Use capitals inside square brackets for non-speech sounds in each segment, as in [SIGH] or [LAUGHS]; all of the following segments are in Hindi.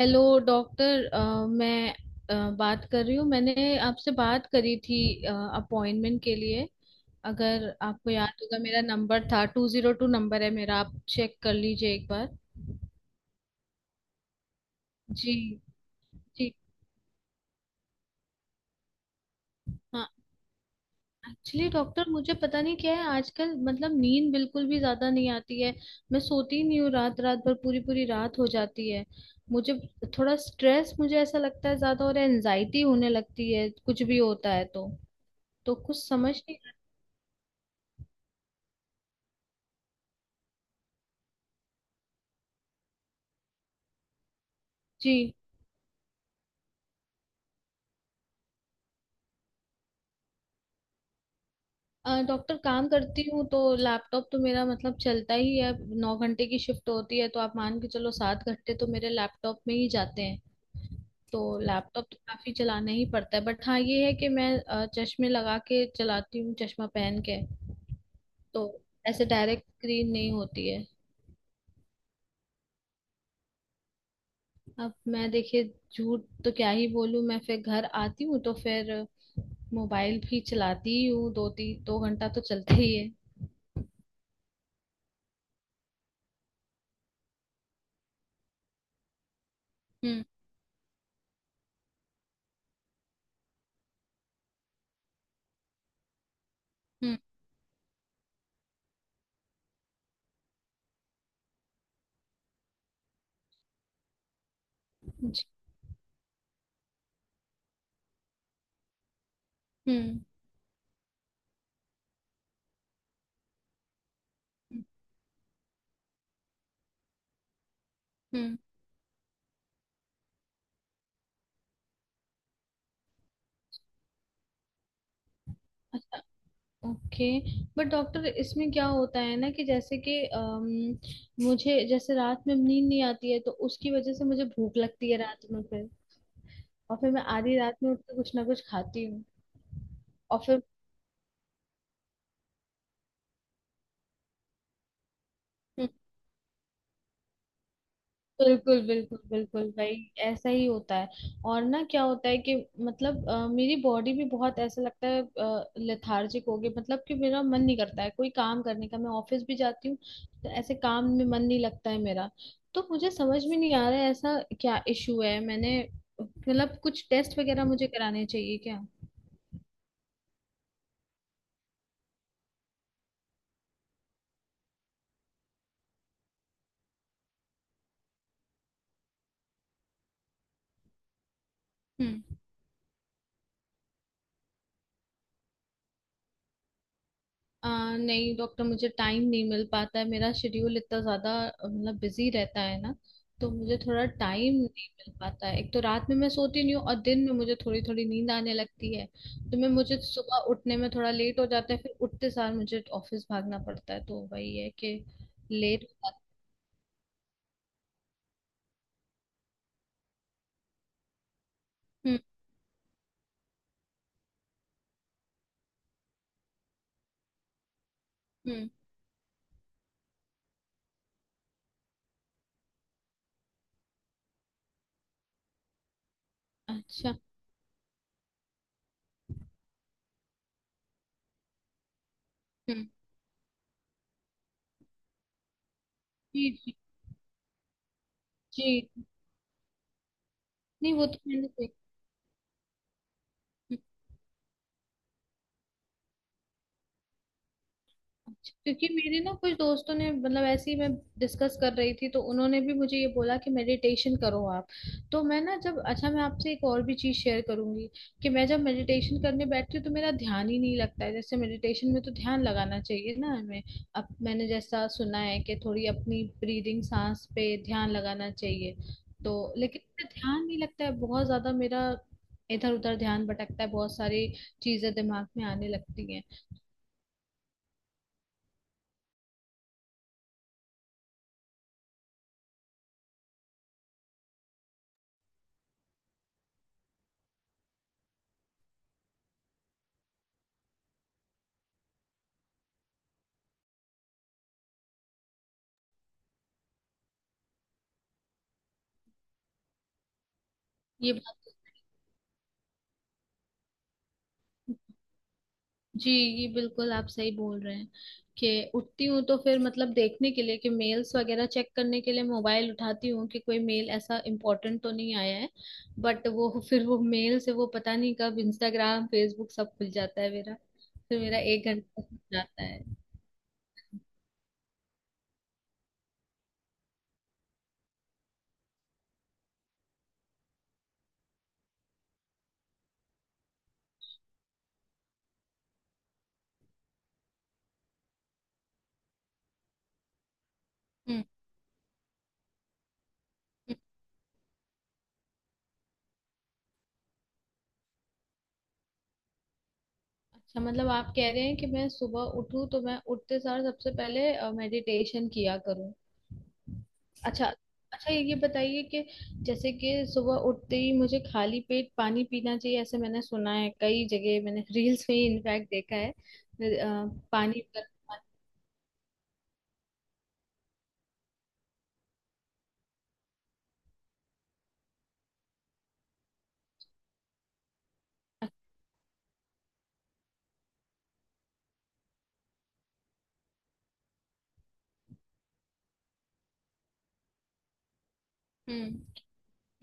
Hello doctor. मैं बात कर रही हूँ। मैंने आपसे बात करी थी अपॉइंटमेंट के लिए। अगर आपको याद होगा, मेरा नंबर था 202। नंबर है मेरा, आप चेक कर लीजिए एक बार। जी। जी। हाँ। एक्चुअली डॉक्टर, मुझे पता नहीं क्या है आजकल, मतलब नींद बिल्कुल भी ज्यादा नहीं आती है। मैं सोती नहीं हूँ, रात रात भर, पूरी पूरी रात हो जाती है मुझे। थोड़ा स्ट्रेस मुझे ऐसा लगता है ज्यादा, और एनजाइटी होने लगती है। कुछ भी होता है तो कुछ समझ नहीं आता। जी। डॉक्टर, काम करती हूँ तो लैपटॉप तो मेरा मतलब चलता ही है। 9 घंटे की शिफ्ट होती है, तो आप मान के चलो 7 घंटे तो मेरे लैपटॉप में ही जाते हैं। तो लैपटॉप तो काफी चलाना ही पड़ता है। बट हाँ, ये है कि मैं चश्मे लगा के चलाती हूँ, चश्मा पहन के। तो ऐसे डायरेक्ट स्क्रीन नहीं होती है। अब मैं देखिए, झूठ तो क्या ही बोलूँ मैं, फिर घर आती हूँ तो फिर मोबाइल भी चलाती ही हूँ। दो तीन, 2 घंटा तो चलते ही है। हम्म। हम्म। जी। हम्म। हम्म। हम्म। ओके। बट डॉक्टर, इसमें क्या होता है ना कि जैसे कि मुझे जैसे रात में नींद नहीं आती है, तो उसकी वजह से मुझे भूख लगती है रात में फिर। और फिर मैं आधी रात में उठ के कुछ ना कुछ खाती हूँ। और फिर, हम्म, बिल्कुल, बिल्कुल, बिल्कुल भाई, ऐसा ही होता है। और ना क्या होता है कि मतलब मेरी बॉडी भी, बहुत ऐसा लगता है, लेथार्जिक हो गई, मतलब कि मेरा मन नहीं करता है कोई काम करने का। मैं ऑफिस भी जाती हूँ तो ऐसे काम में मन नहीं लगता है मेरा। तो मुझे समझ में नहीं आ रहा है ऐसा क्या इशू है। मैंने मतलब कुछ टेस्ट वगैरह मुझे कराने चाहिए क्या? हम्म। आ, नहीं डॉक्टर, मुझे टाइम नहीं मिल पाता है, मेरा शेड्यूल इतना ज्यादा मतलब बिजी रहता है ना। तो मुझे थोड़ा टाइम नहीं मिल पाता है। एक तो रात में मैं सोती नहीं हूँ और दिन में मुझे थोड़ी थोड़ी नींद आने लगती है। तो मैं मुझे सुबह उठने में थोड़ा लेट हो जाता है, फिर उठते सार मुझे ऑफिस भागना पड़ता है, तो वही है कि लेट हो जाता है। हम्म। हम्म। है, अच्छा। हम्म। जी। जी। जी। नहीं, वो तो मैंने देखा। क्योंकि मेरे ना कुछ दोस्तों ने, मतलब ऐसे ही मैं डिस्कस कर रही थी, तो उन्होंने भी मुझे ये बोला कि मेडिटेशन करो आप। तो मैं ना जब, अच्छा, मैं आपसे एक और भी चीज शेयर करूंगी कि मैं जब मेडिटेशन करने बैठती हूँ तो मेरा ध्यान ही नहीं लगता है। जैसे मेडिटेशन में तो ध्यान लगाना चाहिए ना हमें, अब मैंने जैसा सुना है कि थोड़ी अपनी ब्रीदिंग, सांस पे ध्यान लगाना चाहिए। तो लेकिन मेरा ध्यान नहीं लगता है बहुत ज्यादा। मेरा इधर उधर ध्यान भटकता है, बहुत सारी चीजें दिमाग में आने लगती हैं। ये बात! जी, ये बिल्कुल आप सही बोल रहे हैं कि उठती हूँ तो फिर, मतलब देखने के लिए, कि मेल्स वगैरह चेक करने के लिए मोबाइल उठाती हूँ कि कोई मेल ऐसा इम्पोर्टेंट तो नहीं आया है। बट वो [LAUGHS] फिर वो, मेल से वो पता नहीं कब इंस्टाग्राम, फेसबुक सब खुल जाता है मेरा। फिर मेरा 1 घंटा लग जाता है। हम्म। हम्म, अच्छा, मतलब आप कह रहे हैं कि मैं सुबह उठूँ तो मैं उठते सार सबसे पहले मेडिटेशन किया करूँ? अच्छा। अच्छा, ये बताइए कि जैसे कि सुबह उठते ही मुझे खाली पेट पानी पीना चाहिए, ऐसे मैंने सुना है कई जगह। मैंने [LAUGHS] रील्स में इनफैक्ट देखा है। पानी पर- हम्म।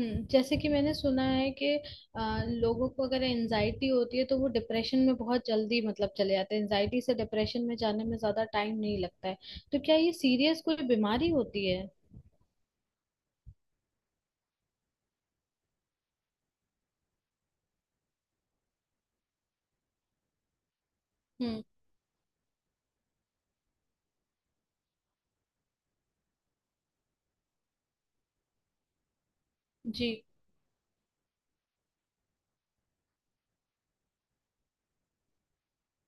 जैसे कि मैंने सुना है कि लोगों को अगर एनजाइटी होती है तो वो डिप्रेशन में बहुत जल्दी, मतलब चले जाते हैं। एनजाइटी से डिप्रेशन में जाने में ज्यादा टाइम नहीं लगता है। तो क्या ये सीरियस कोई बीमारी होती है? हम्म। जी।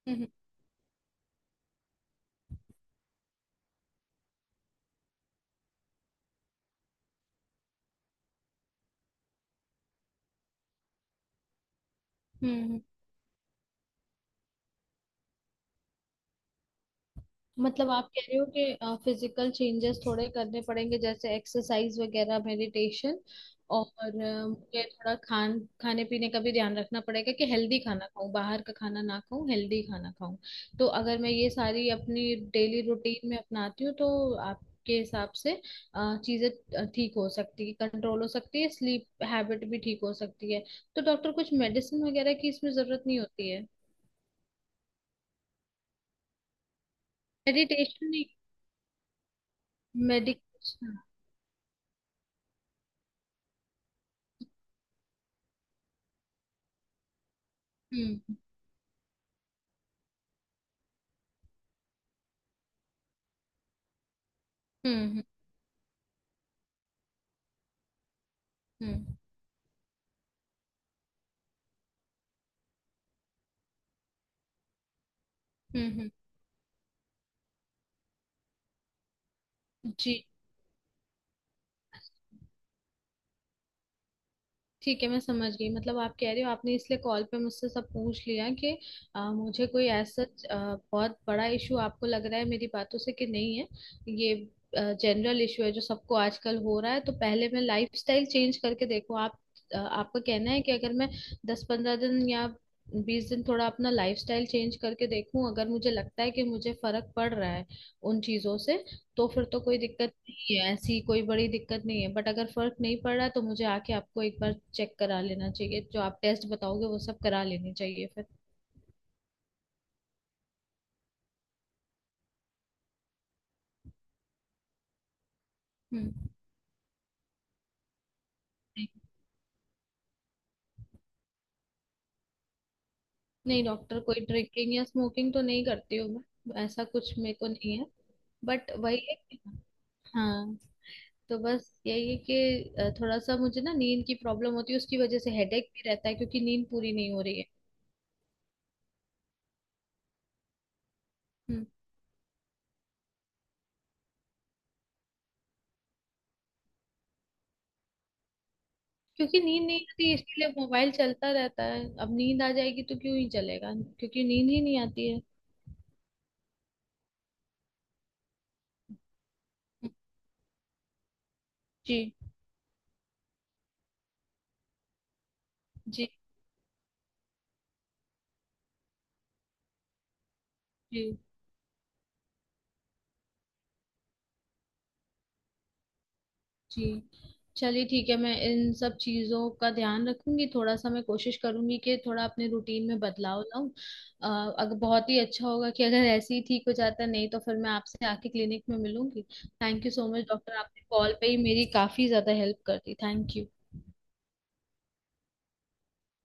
हम्म। हम्म, मतलब आप कह रहे हो कि फिजिकल चेंजेस थोड़े करने पड़ेंगे, जैसे एक्सरसाइज वगैरह, मेडिटेशन, और मुझे थोड़ा खाने पीने का भी ध्यान रखना पड़ेगा कि हेल्दी खाना खाऊं, बाहर का खाना ना खाऊं, हेल्दी खाना खाऊं। तो अगर मैं ये सारी अपनी डेली रूटीन में अपनाती हूँ तो आपके हिसाब से चीजें ठीक हो सकती है, कंट्रोल हो सकती है, स्लीप हैबिट भी ठीक हो सकती है? तो डॉक्टर, कुछ मेडिसिन वगैरह की इसमें जरूरत नहीं होती है? मेडिटेशन नहीं, मेडिकेशन। हम्म। हम्म। हम्म। हम्म। जी, ठीक है मैं समझ गई, मतलब आप कह रहे हो आपने इसलिए कॉल पे मुझसे सब पूछ लिया कि मुझे कोई ऐसा बहुत बड़ा इशू आपको लग रहा है मेरी बातों से कि नहीं है। ये जनरल इशू है जो सबको आजकल हो रहा है, तो पहले मैं लाइफस्टाइल चेंज करके देखो आप। आपका कहना है कि अगर मैं 10-15 दिन या 20 दिन थोड़ा अपना लाइफस्टाइल चेंज करके देखूं, अगर मुझे लगता है कि मुझे फर्क पड़ रहा है उन चीजों से, तो फिर तो कोई दिक्कत नहीं है, ऐसी कोई बड़ी दिक्कत नहीं है। बट अगर फर्क नहीं पड़ रहा तो मुझे आके आपको एक बार चेक करा लेना चाहिए, जो आप टेस्ट बताओगे वो सब करा लेने चाहिए फिर। हम्म। नहीं, नहीं डॉक्टर, कोई ड्रिंकिंग या स्मोकिंग तो नहीं करती हूँ मैं, ऐसा कुछ मेरे को नहीं है। बट वही है कि, हाँ, तो बस यही है कि थोड़ा सा मुझे ना नींद की प्रॉब्लम होती है, उसकी वजह से हेडेक भी रहता है क्योंकि नींद पूरी नहीं हो रही है। क्योंकि नींद नहीं आती इसीलिए मोबाइल चलता रहता है, अब नींद आ जाएगी तो क्यों ही चलेगा? क्योंकि नींद ही नहीं आती है। जी। जी। जी। जी, चलिए ठीक है, मैं इन सब चीजों का ध्यान रखूंगी, थोड़ा सा मैं कोशिश करूंगी कि थोड़ा अपने रूटीन में बदलाव लाऊं। अगर बहुत ही अच्छा होगा कि अगर ऐसे ही ठीक हो जाता, नहीं तो फिर मैं आपसे आके क्लिनिक में मिलूंगी। Thank you so much doctor, आपने कॉल पे ही मेरी काफी ज्यादा हेल्प कर दी। Thank you.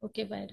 ओके। बाय।